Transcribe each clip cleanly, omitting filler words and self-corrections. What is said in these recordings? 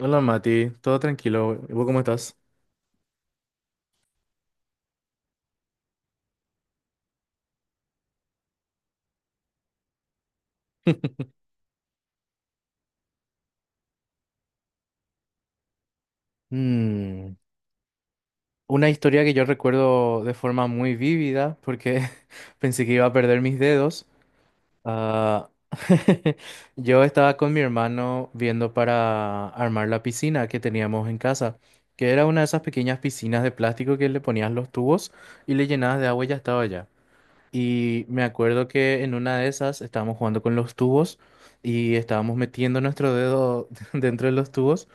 Hola Mati, todo tranquilo. ¿Y vos cómo estás? Mm, una historia que yo recuerdo de forma muy vívida porque pensé que iba a perder mis dedos. Ah, yo estaba con mi hermano viendo para armar la piscina que teníamos en casa, que era una de esas pequeñas piscinas de plástico que le ponías los tubos y le llenabas de agua y ya estaba ya. Y me acuerdo que en una de esas estábamos jugando con los tubos y estábamos metiendo nuestro dedo dentro de los tubos.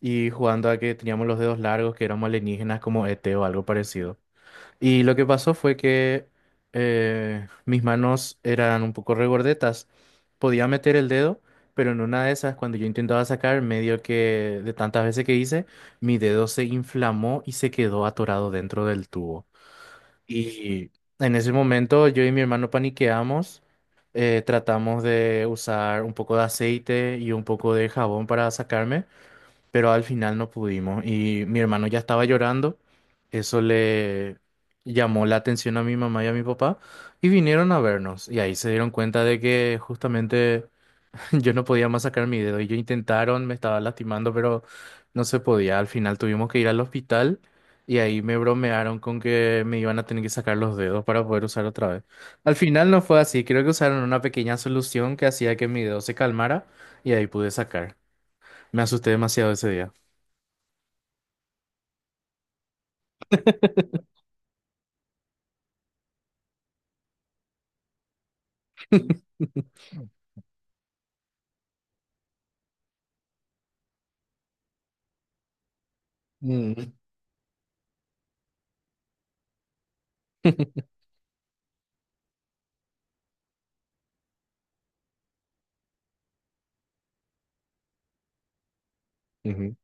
Y jugando a que teníamos los dedos largos, que éramos alienígenas como ET o algo parecido. Y lo que pasó fue que mis manos eran un poco regordetas. Podía meter el dedo, pero en una de esas, cuando yo intentaba sacar, medio que de tantas veces que hice, mi dedo se inflamó y se quedó atorado dentro del tubo. Y en ese momento yo y mi hermano paniqueamos. Tratamos de usar un poco de aceite y un poco de jabón para sacarme, pero al final no pudimos. Y mi hermano ya estaba llorando, eso le llamó la atención a mi mamá y a mi papá, y vinieron a vernos. Y ahí se dieron cuenta de que justamente yo no podía más sacar mi dedo. Y ellos intentaron, me estaba lastimando, pero no se podía. Al final tuvimos que ir al hospital. Y ahí me bromearon con que me iban a tener que sacar los dedos para poder usar otra vez. Al final no fue así, creo que usaron una pequeña solución que hacía que mi dedo se calmara y ahí pude sacar. Me asusté demasiado ese día. Mm, ujú,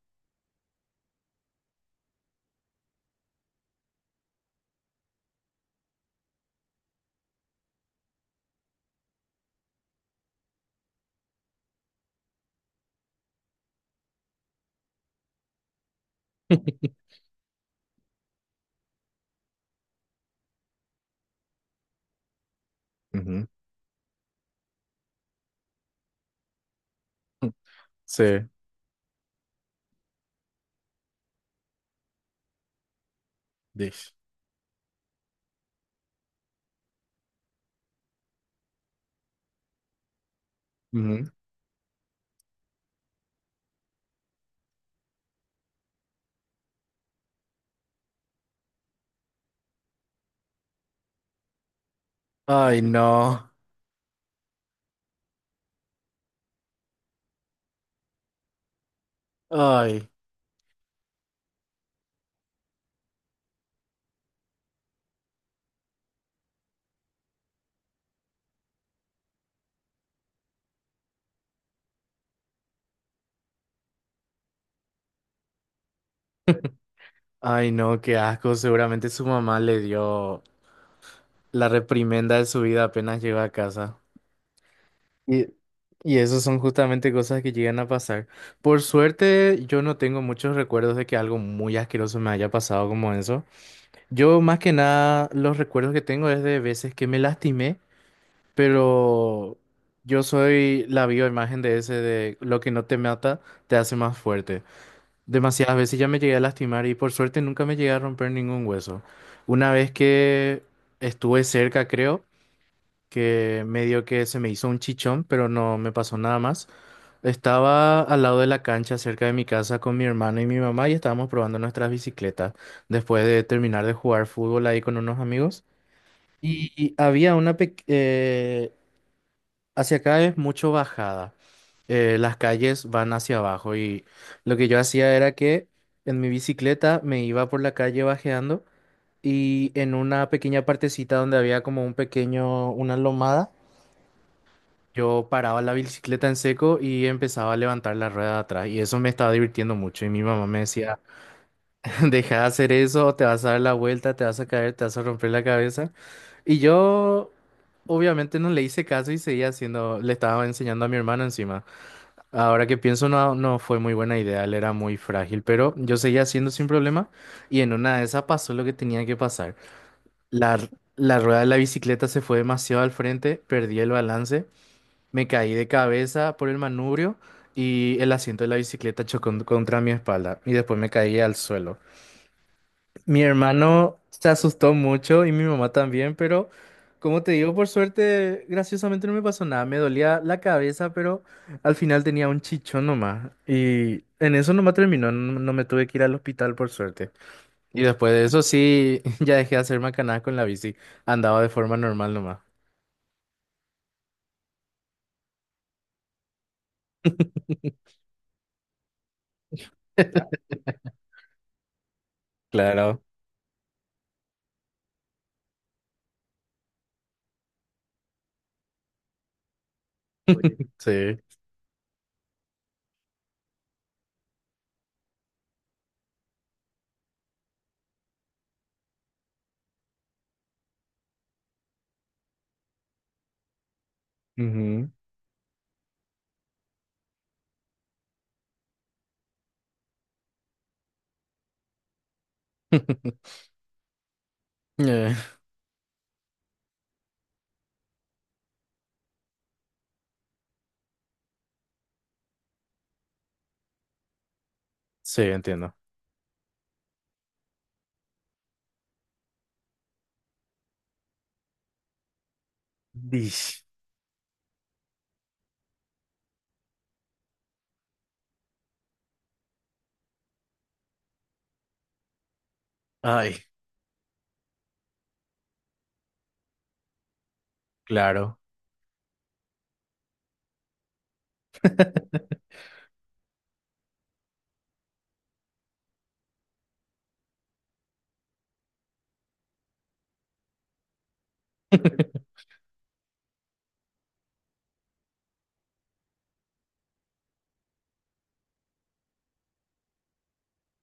ujú. Sí, Dish. Ujú. Ay, no. Ay, ay, no, qué asco. Seguramente su mamá le dio la reprimenda de su vida apenas llegó a casa. Y, y eso son justamente cosas que llegan a pasar. Por suerte, yo no tengo muchos recuerdos de que algo muy asqueroso me haya pasado como eso. Yo más que nada, los recuerdos que tengo es de veces que me lastimé. Pero yo soy la bioimagen de ese, de lo que no te mata te hace más fuerte. Demasiadas veces ya me llegué a lastimar y por suerte nunca me llegué a romper ningún hueso. Una vez que estuve cerca, creo, que medio que se me hizo un chichón, pero no me pasó nada más. Estaba al lado de la cancha, cerca de mi casa, con mi hermano y mi mamá y estábamos probando nuestras bicicletas después de terminar de jugar fútbol ahí con unos amigos. Y había una pequeña. Hacia acá es mucho bajada. Las calles van hacia abajo y lo que yo hacía era que en mi bicicleta me iba por la calle bajeando y en una pequeña partecita donde había como un pequeño, una lomada, yo paraba la bicicleta en seco y empezaba a levantar la rueda de atrás y eso me estaba divirtiendo mucho y mi mamá me decía, deja de hacer eso, te vas a dar la vuelta, te vas a caer, te vas a romper la cabeza. Y yo obviamente no le hice caso y seguía haciendo, le estaba enseñando a mi hermano encima. Ahora que pienso, no, no fue muy buena idea, él era muy frágil, pero yo seguía haciendo sin problema y en una de esas pasó lo que tenía que pasar. La, r- la rueda de la bicicleta se fue demasiado al frente, perdí el balance, me caí de cabeza por el manubrio y el asiento de la bicicleta chocó contra mi espalda y después me caí al suelo. Mi hermano se asustó mucho y mi mamá también, pero como te digo, por suerte, graciosamente no me pasó nada. Me dolía la cabeza, pero al final tenía un chichón nomás. Y en eso nomás terminó, no, no me tuve que ir al hospital por suerte. Y después de eso sí, ya dejé de hacer macanadas con la bici. Andaba de forma normal nomás. Claro. Sí. Ujú. Eh, sí, entiendo. Dish. Ay, claro.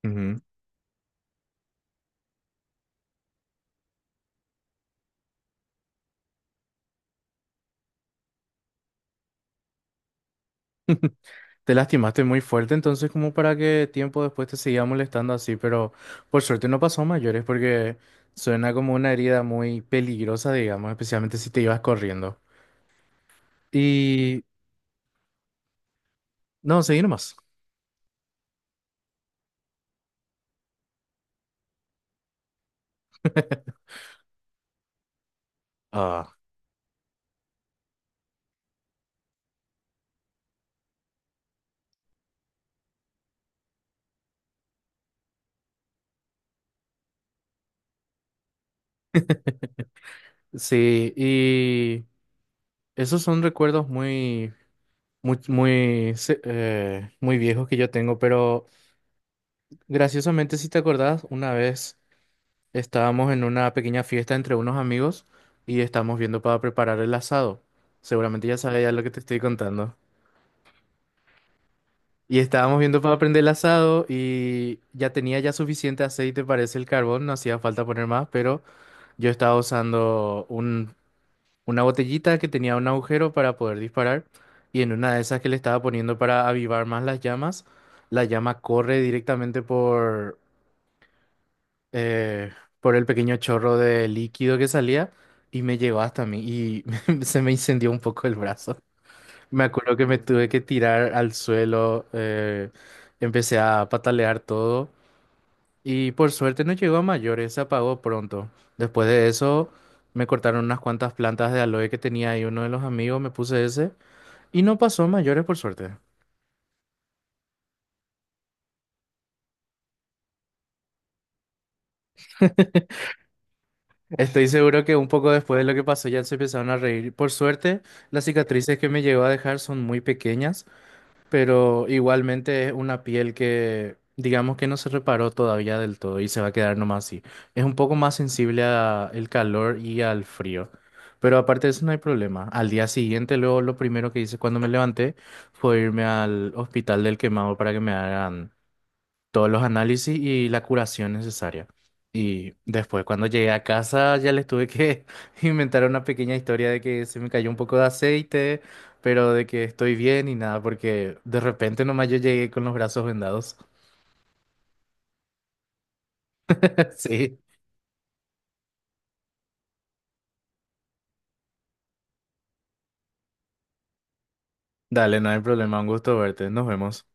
Ujú. Te lastimaste muy fuerte, entonces como para que tiempo después te seguía molestando así, pero por suerte no pasó a mayores porque suena como una herida muy peligrosa, digamos, especialmente si te ibas corriendo. Y no, seguí nomás. Ah, sí, y esos son recuerdos muy, muy, muy, muy viejos que yo tengo, pero graciosamente si te acordás, una vez estábamos en una pequeña fiesta entre unos amigos y estábamos viendo para preparar el asado. Seguramente ya sabes ya lo que te estoy contando. Y estábamos viendo para prender el asado y ya tenía ya suficiente aceite, parece el carbón, no hacía falta poner más, pero yo estaba usando un, una botellita que tenía un agujero para poder disparar y en una de esas que le estaba poniendo para avivar más las llamas, la llama corre directamente eh, por el pequeño chorro de líquido que salía y me llegó hasta mí y se me incendió un poco el brazo. Me acuerdo que me tuve que tirar al suelo, empecé a patalear todo y por suerte no llegó a mayores, se apagó pronto. Después de eso me cortaron unas cuantas plantas de aloe que tenía ahí uno de los amigos, me puse ese y no pasó a mayores por suerte. Estoy seguro que un poco después de lo que pasó ya se empezaron a reír. Por suerte, las cicatrices que me llegó a dejar son muy pequeñas. Pero igualmente es una piel que, digamos que no se reparó todavía del todo y se va a quedar nomás así. Es un poco más sensible al calor y al frío. Pero aparte de eso no hay problema. Al día siguiente, luego lo primero que hice cuando me levanté fue irme al hospital del quemado para que me hagan todos los análisis y la curación necesaria. Y después, cuando llegué a casa, ya les tuve que inventar una pequeña historia de que se me cayó un poco de aceite, pero de que estoy bien y nada, porque de repente nomás yo llegué con los brazos vendados. Sí, dale, no hay problema, un gusto verte, nos vemos.